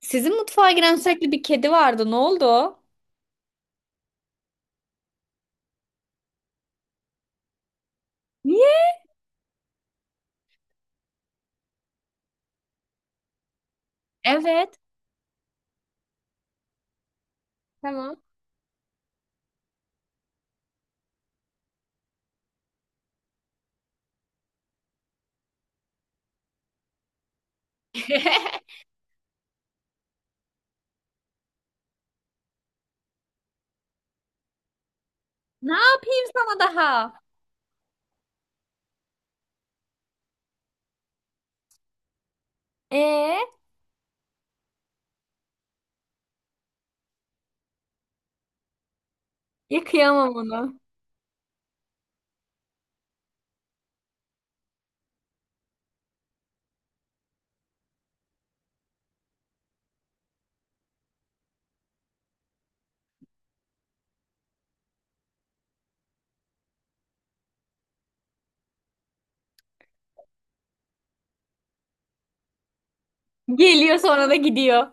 Sizin mutfağa giren sürekli bir kedi vardı. Ne oldu o? Niye? Evet. Tamam. Ne yapayım sana daha? Ee, ya onu. Geliyor sonra da gidiyor.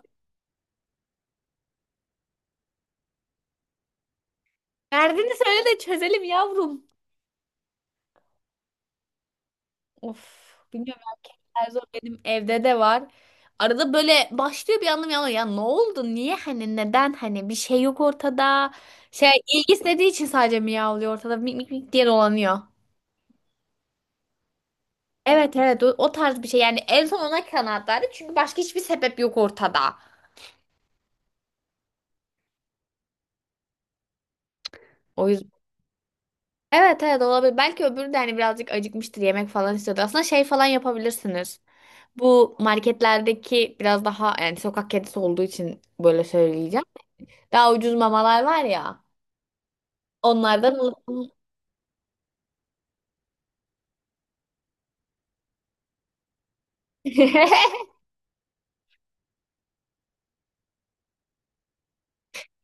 Derdini söyle de çözelim yavrum. Of, bilmiyorum her zor benim evde de var. Arada böyle başlıyor bir anlam ya. Ya ne oldu? Niye hani neden hani bir şey yok ortada. Şey ilgi istediği için sadece miyavlıyor ortada mik mik mik diye dolanıyor. Evet evet o, o tarz bir şey yani en son ona kanaat çünkü başka hiçbir sebep yok ortada. O yüzden. Evet evet olabilir. Belki öbürü de hani birazcık acıkmıştır yemek falan istiyordur. Aslında şey falan yapabilirsiniz. Bu marketlerdeki biraz daha yani sokak kedisi olduğu için böyle söyleyeceğim. Daha ucuz mamalar var ya. Onlardan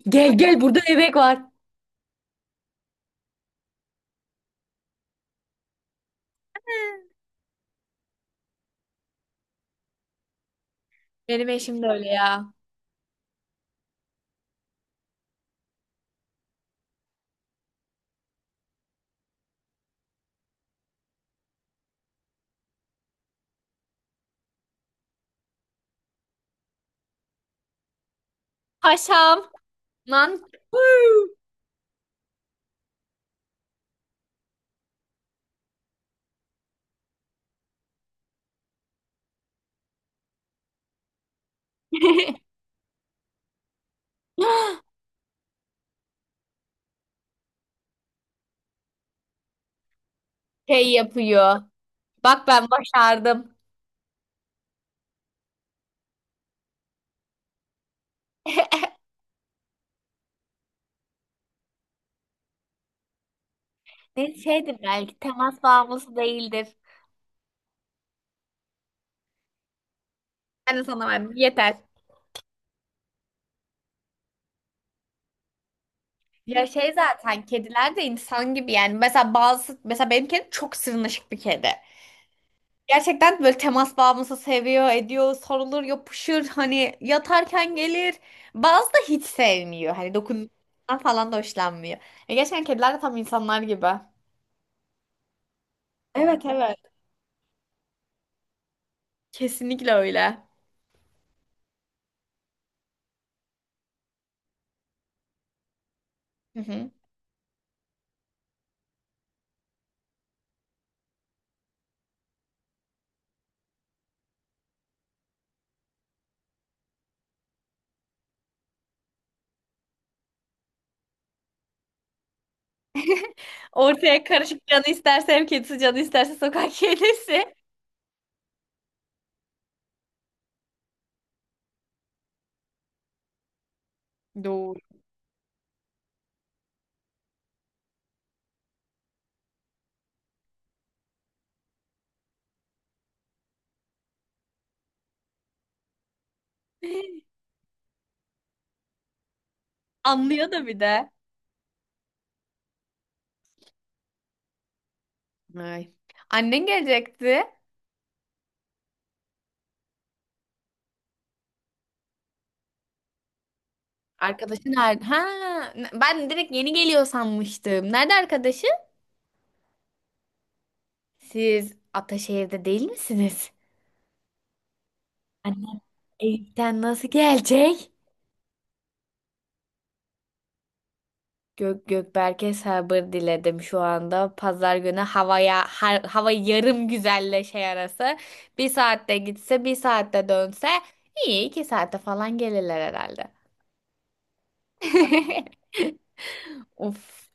Gel gel burada bebek var. Benim eşim de öyle ya. Paşam. Lan. Şey yapıyor. Bak ben başardım. Ne şeydir belki temas bağımlısı değildir. Yani sana ben yeter. Ya şey zaten kediler de insan gibi yani. Mesela bazı mesela benim kedim çok sırnaşık bir kedi. Gerçekten böyle temas bağımlısı seviyor, ediyor, sarılır, yapışır. Hani yatarken gelir. Bazı da hiç sevmiyor. Hani dokunmaktan falan da hoşlanmıyor. Ya gerçekten kediler de tam insanlar gibi. Evet evet. Kesinlikle öyle. Hı hı. Ortaya karışık canı isterse ev kedisi, canı isterse sokak kedisi. Doğru. Anlıyor da bir de. Ay. Annen gelecekti. Arkadaşın nerede? Ha, ben direkt yeni geliyor sanmıştım. Nerede arkadaşı? Siz Ataşehir'de değil misiniz? Anne Eyüp'ten nasıl gelecek? Gökberk'e sabır diledim şu anda. Pazar günü hava yarım güzelle şey arası. Bir saatte gitse, bir saatte dönse iyi iki saate falan gelirler herhalde. Of.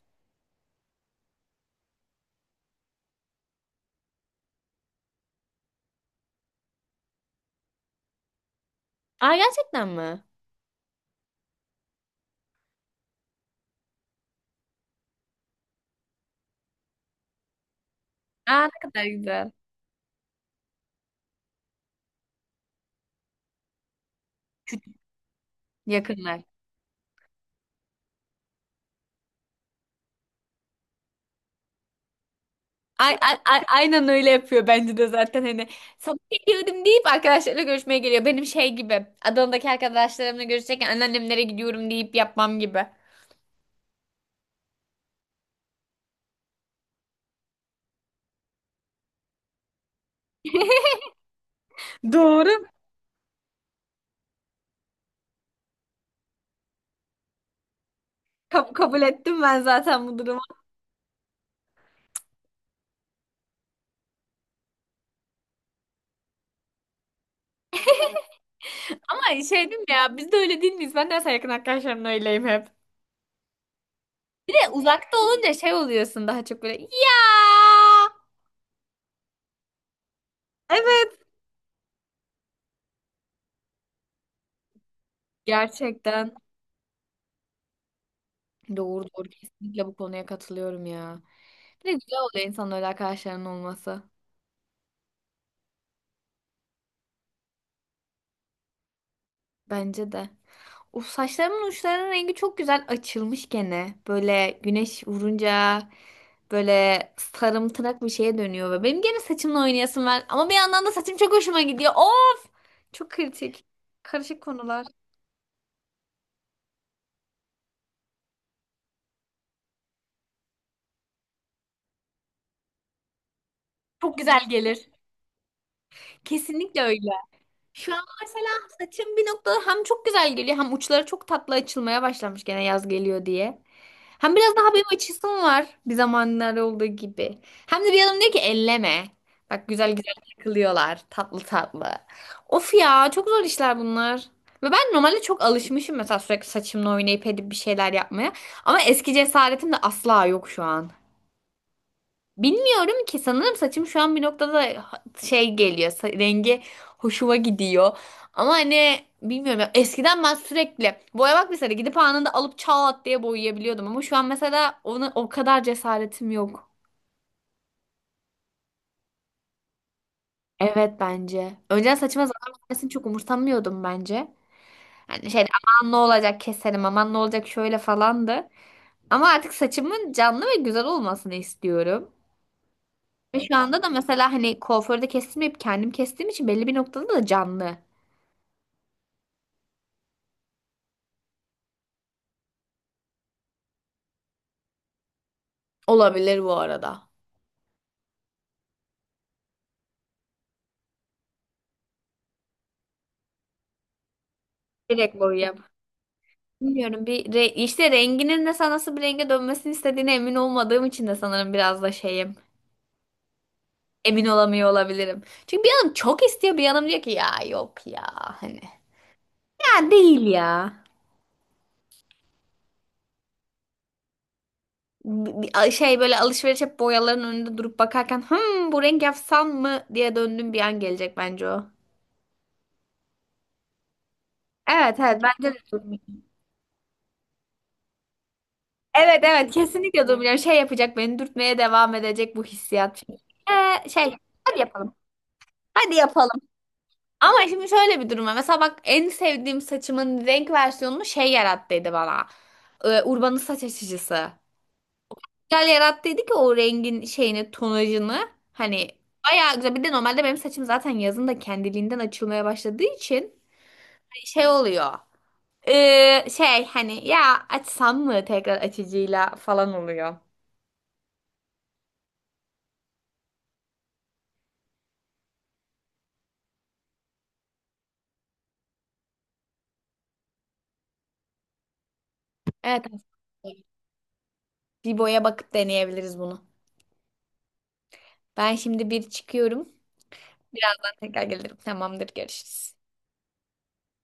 Aa gerçekten mi? Aa ne kadar güzel. Yakınlar. Ay, ay, aynen öyle yapıyor bence de zaten hani sana geliyorum deyip arkadaşlarıyla görüşmeye geliyor. Benim şey gibi Adana'daki arkadaşlarımla görüşecekken anneannemlere gidiyorum deyip yapmam gibi. Doğru. Kabul ettim ben zaten bu durumu. Ama şey dedim ya biz de öyle değil miyiz? Ben de mesela yakın arkadaşlarımla öyleyim hep. Bir de uzakta olunca şey oluyorsun daha çok böyle ya. Evet. Gerçekten. Doğru doğru kesinlikle bu konuya katılıyorum ya. Bir de güzel oluyor insanın öyle arkadaşlarının olması. Bence de. O saçlarımın uçlarının rengi çok güzel açılmış gene. Böyle güneş vurunca böyle sarımtırak bir şeye dönüyor ve benim gene saçımla oynayasım var. Ama bir yandan da saçım çok hoşuma gidiyor. Oo, çok kritik. Karışık konular. Çok güzel gelir. Kesinlikle öyle. Şu an mesela saçım bir noktada hem çok güzel geliyor hem uçları çok tatlı açılmaya başlamış gene yaz geliyor diye. Hem biraz daha benim açısım var bir zamanlar olduğu gibi. Hem de bir adam diyor ki elleme. Bak güzel güzel takılıyorlar tatlı tatlı. Of ya çok zor işler bunlar. Ve ben normalde çok alışmışım mesela sürekli saçımla oynayıp edip bir şeyler yapmaya. Ama eski cesaretim de asla yok şu an. Bilmiyorum ki sanırım saçım şu an bir noktada şey geliyor rengi hoşuma gidiyor ama hani bilmiyorum ya eskiden ben sürekli boyamak mesela gidip anında alıp çat diye boyayabiliyordum ama şu an mesela ona o kadar cesaretim yok. Evet bence. Önceden saçıma zarar vermesini çok umursamıyordum bence. Yani şey aman ne olacak keserim aman ne olacak şöyle falandı. Ama artık saçımın canlı ve güzel olmasını istiyorum. Ve şu anda da mesela hani kuaförde kestirmeyip kendim kestiğim için belli bir noktada da canlı. Olabilir bu arada. Direkt boyayıp. Bilmiyorum işte renginin de sana nasıl bir renge dönmesini istediğine emin olmadığım için de sanırım biraz da şeyim. Emin olamıyor olabilirim. Çünkü bir yanım çok istiyor bir yanım diyor ki ya yok ya hani. Ya değil ya. Şey böyle alışveriş hep boyaların önünde durup bakarken hımm bu renk yapsam mı diye döndüğüm bir an gelecek bence o. Evet evet bence de. Evet evet kesinlikle durmuyor. Şey yapacak beni dürtmeye devam edecek bu hissiyat. Çünkü, şey hadi yapalım. Hadi yapalım. Ama şimdi şöyle bir durum var. Mesela bak en sevdiğim saçımın renk versiyonunu şey yarattıydı bana. Urban'ın saç açıcısı. Güzel yarattıydı ki o rengin şeyini tonajını. Hani bayağı güzel. Bir de normalde benim saçım zaten yazın da kendiliğinden açılmaya başladığı için hani şey oluyor. Şey hani ya açsam mı tekrar açıcıyla falan oluyor. Evet. Bibo'ya bakıp deneyebiliriz bunu. Ben şimdi bir çıkıyorum. Birazdan tekrar gelirim. Tamamdır, görüşürüz.